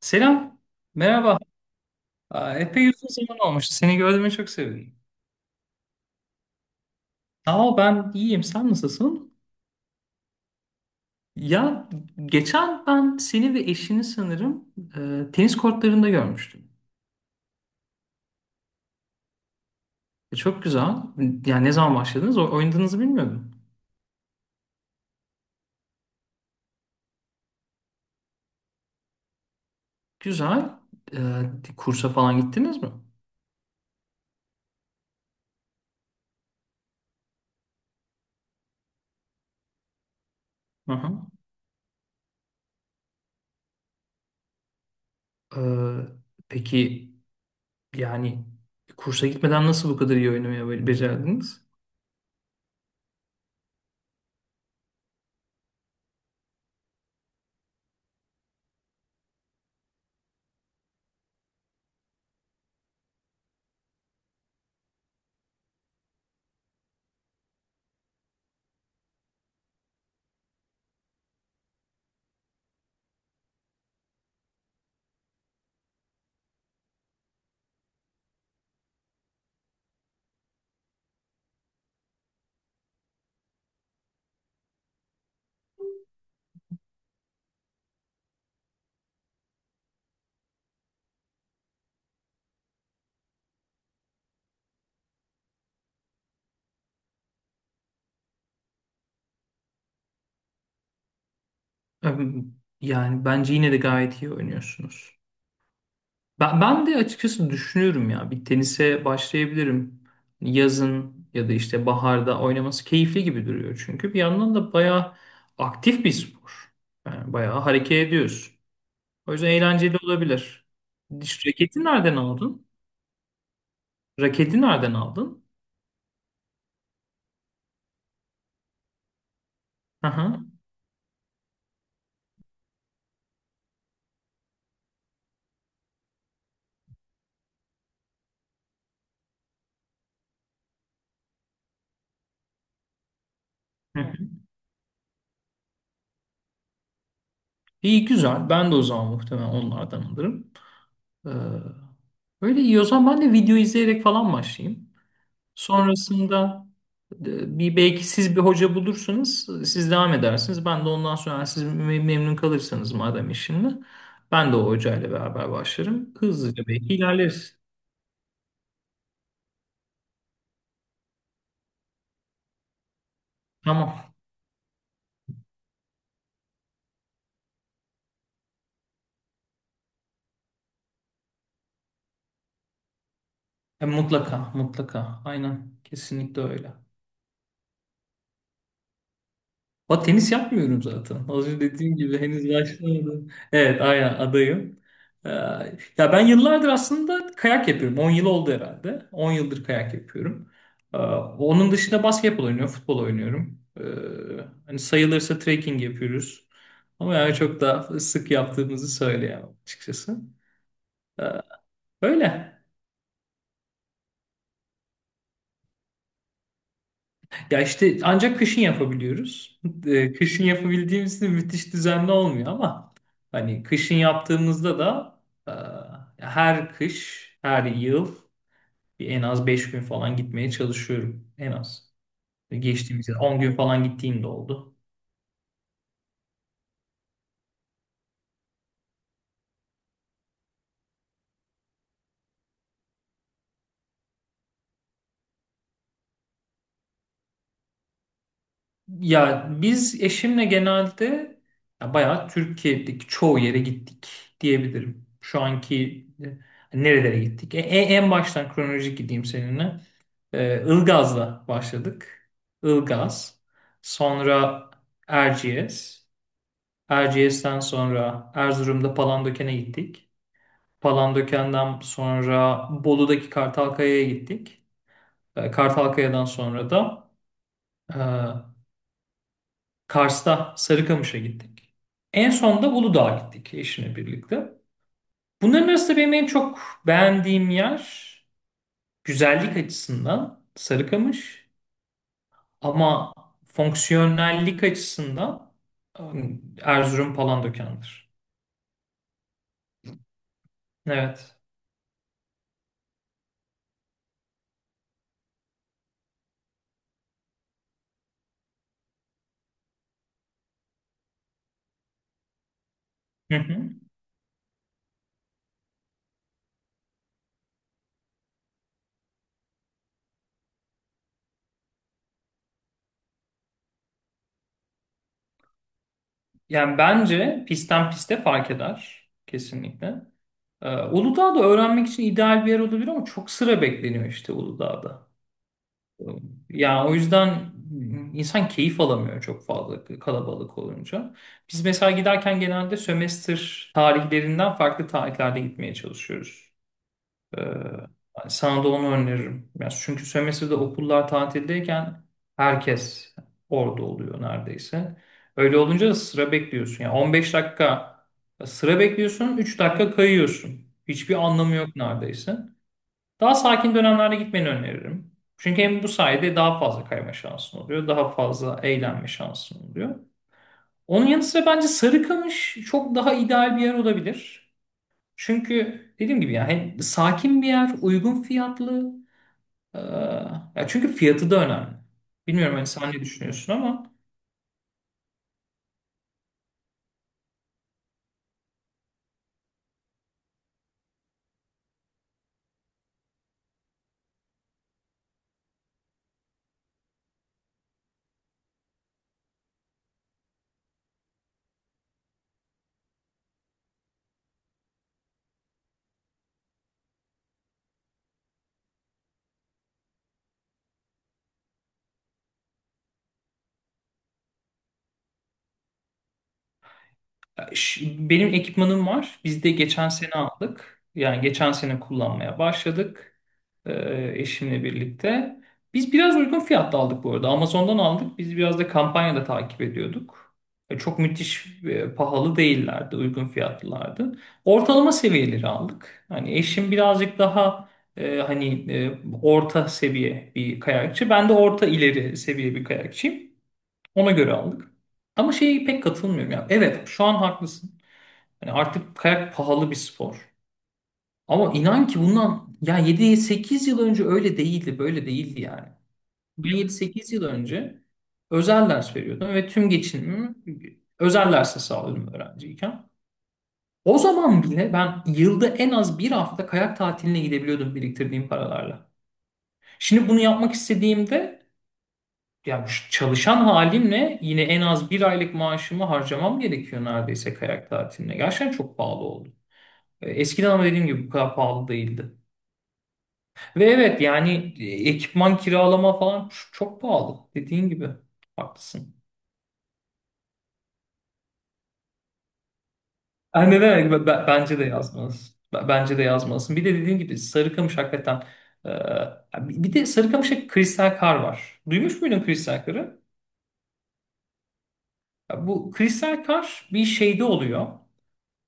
Selam, merhaba. Epey uzun zaman olmuştu. Seni gördüğüme çok sevindim. Sağ ol, ben iyiyim. Sen nasılsın? Ya geçen ben seni ve eşini sanırım tenis kortlarında görmüştüm. Çok güzel. Yani ne zaman başladınız? Oynadığınızı bilmiyordum. Güzel. Kursa falan gittiniz mi? Hı hı. E, peki yani kursa gitmeden nasıl bu kadar iyi oynamayı becerdiniz? E, Yani bence yine de gayet iyi oynuyorsunuz. Ben de açıkçası düşünüyorum ya bir tenise başlayabilirim. Hani yazın ya da işte baharda oynaması keyifli gibi duruyor. Çünkü bir yandan da bayağı aktif bir spor. Yani bayağı hareket ediyorsun. O yüzden eğlenceli olabilir. Hiç raketi nereden aldın? Raketi nereden aldın? Hı hı. Hı hı. İyi güzel. Ben de o zaman muhtemelen onlardan alırım. Ee, Öyle iyi o zaman ben de video izleyerek falan başlayayım. Sonrasında bir belki siz bir hoca bulursunuz. Siz devam edersiniz. Ben de ondan sonra eğer siz memnun kalırsanız madem işimle ben de o hocayla beraber başlarım. Hızlıca belki ilerleriz. Tamam. Mutlaka, mutlaka. Aynen. Kesinlikle öyle. O tenis yapmıyorum zaten. Az önce dediğim gibi henüz başlamadım. Evet, aynen adayım. Ee, Ya ben yıllardır aslında kayak yapıyorum. 10 yıl oldu herhalde. 10 yıldır kayak yapıyorum. Onun dışında basketbol oynuyorum, futbol oynuyorum. Hani sayılırsa trekking yapıyoruz. Ama yani çok daha sık yaptığımızı söyleyemem açıkçası. Ee, Öyle. Ya işte ancak kışın yapabiliyoruz. Kışın yapabildiğimiz de müthiş düzenli olmuyor ama hani kışın yaptığımızda da eee, her kış, her yıl bir en az 5 gün falan gitmeye çalışıyorum. En az. Geçtiğimiz yıl 10 gün falan gittiğim de oldu. Ya biz eşimle genelde ya bayağı Türkiye'deki çoğu yere gittik diyebilirim. Şu anki nerelere gittik? En baştan kronolojik gideyim seninle. Ilgaz'la başladık. Ilgaz. Sonra Erciyes. Erciyes'ten sonra Erzurum'da Palandöken'e gittik. Palandöken'den sonra Bolu'daki Kartalkaya'ya gittik. Kartalkaya'dan sonra da e, Kars'ta Sarıkamış'a gittik. En son da Uludağ'a gittik eşimle birlikte. Bunların arasında benim en çok beğendiğim yer güzellik açısından Sarıkamış. Ama fonksiyonellik açısından Erzurum Palandöken'dir. Evet. Hı hı. Yani bence pistten piste fark eder. Kesinlikle. Uludağ'da öğrenmek için ideal bir yer olabilir ama çok sıra bekleniyor işte Uludağ'da. Yani o yüzden insan keyif alamıyor çok fazla kalabalık olunca. Biz mesela giderken genelde sömestr tarihlerinden farklı tarihlerde gitmeye çalışıyoruz. Ee, Yani sana da onu öneririm. Yani çünkü sömestrde okullar tatildeyken herkes orada oluyor neredeyse. Öyle olunca da sıra bekliyorsun. Yani 15 dakika sıra bekliyorsun, 3 dakika kayıyorsun. Hiçbir anlamı yok neredeyse. Daha sakin dönemlerde gitmeni öneririm. Çünkü hem bu sayede daha fazla kayma şansın oluyor, daha fazla eğlenme şansın oluyor. Onun yanı sıra bence Sarıkamış çok daha ideal bir yer olabilir. Çünkü dediğim gibi yani hem sakin bir yer, uygun fiyatlı. Ee, Ya çünkü fiyatı da önemli. Bilmiyorum hani sen ne düşünüyorsun ama Ş- benim ekipmanım var. Biz de geçen sene aldık. Yani geçen sene kullanmaya başladık. Eşimle birlikte. Biz biraz uygun fiyatta aldık bu arada. Amazon'dan aldık. Biz biraz da kampanyada takip ediyorduk. Çok müthiş pahalı değillerdi. Uygun fiyatlılardı. Ortalama seviyeleri aldık. Hani eşim birazcık daha orta seviye bir kayakçı. Ben de orta ileri seviye bir kayakçıyım. Ona göre aldık. Ama şeye pek katılmıyorum ya. Evet, şu an haklısın. Yani artık kayak pahalı bir spor. Ama inan ki bundan ya 7-8 yıl önce öyle değildi, böyle değildi yani. Ben 7-8 yıl önce özel ders veriyordum ve tüm geçinimimi özel derse sağlıyordum öğrenciyken. O zaman bile ben yılda en az bir hafta kayak tatiline gidebiliyordum biriktirdiğim paralarla. Şimdi bunu yapmak istediğimde ya şu çalışan halimle yine en az bir aylık maaşımı harcamam gerekiyor neredeyse kayak tatiline. Gerçekten çok pahalı oldu. Eskiden ama dediğim gibi bu kadar pahalı değildi. Ve evet yani ekipman kiralama falan çok pahalı. Dediğin gibi. Haklısın. Yani ne demek? Bence de yazmalısın. Bence de yazmalısın. Bir de dediğin gibi Sarıkamış hakikaten. e, Bir de Sarıkamış'ta kristal kar var. Duymuş muydun kristal karı? Ya bu kristal kar bir şeyde oluyor.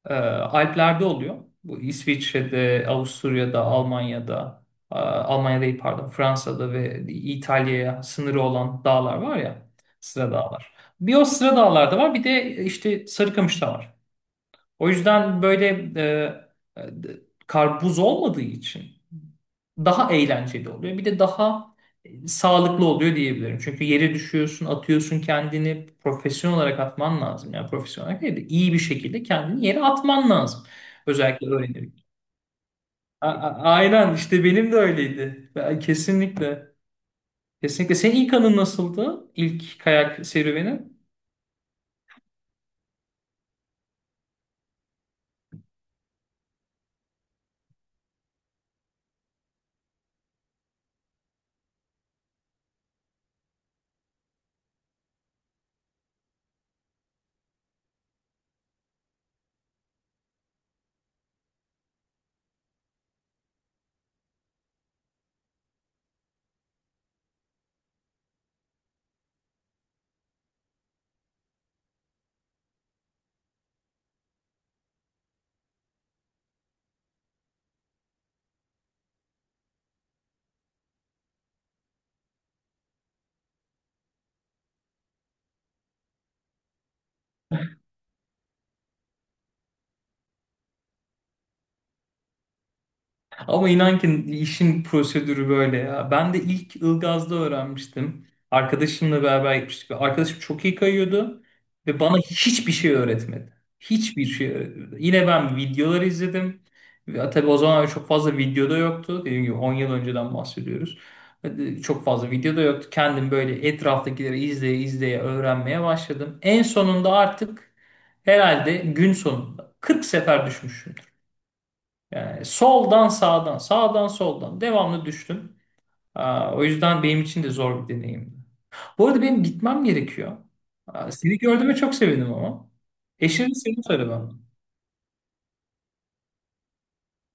Alplerde oluyor. Bu İsviçre'de, Avusturya'da, Almanya'da, Almanya değil pardon, Fransa'da ve İtalya'ya sınırı olan dağlar var ya, sıra dağlar. Bir o sıra dağlarda var, bir de işte Sarıkamış'ta var. O yüzden böyle e, e, karpuz olmadığı için daha eğlenceli oluyor. Bir de daha sağlıklı oluyor diyebilirim. Çünkü yere düşüyorsun, atıyorsun kendini profesyonel olarak atman lazım. Yani profesyonel olarak değil de iyi bir şekilde kendini yere atman lazım. Özellikle öğrenirken. Aynen işte benim de öyleydi. Kesinlikle. Kesinlikle. Senin ilk anın nasıldı? İlk kayak serüveni? Ama inan ki işin prosedürü böyle ya. Ben de ilk Ilgaz'da öğrenmiştim. Arkadaşımla beraber gitmiştik. Arkadaşım çok iyi kayıyordu ve bana hiçbir şey öğretmedi. Hiçbir şey öğretmedi. Yine ben videoları izledim. Ve tabii o zaman çok fazla videoda yoktu. Dediğim gibi 10 yıl önceden bahsediyoruz. Çok fazla videoda yoktu. Kendim böyle etraftakileri izleye izleye öğrenmeye başladım. En sonunda artık herhalde gün sonunda 40 sefer düşmüşüm. Yani soldan sağdan, sağdan soldan devamlı düştüm. O yüzden benim için de zor bir deneyimdi. Bu arada benim gitmem gerekiyor. Seni gördüğüme çok sevindim ama. Eşine de seni söyle bana.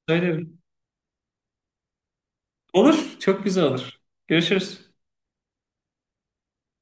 Söylerim. Olur, çok güzel olur. Görüşürüz.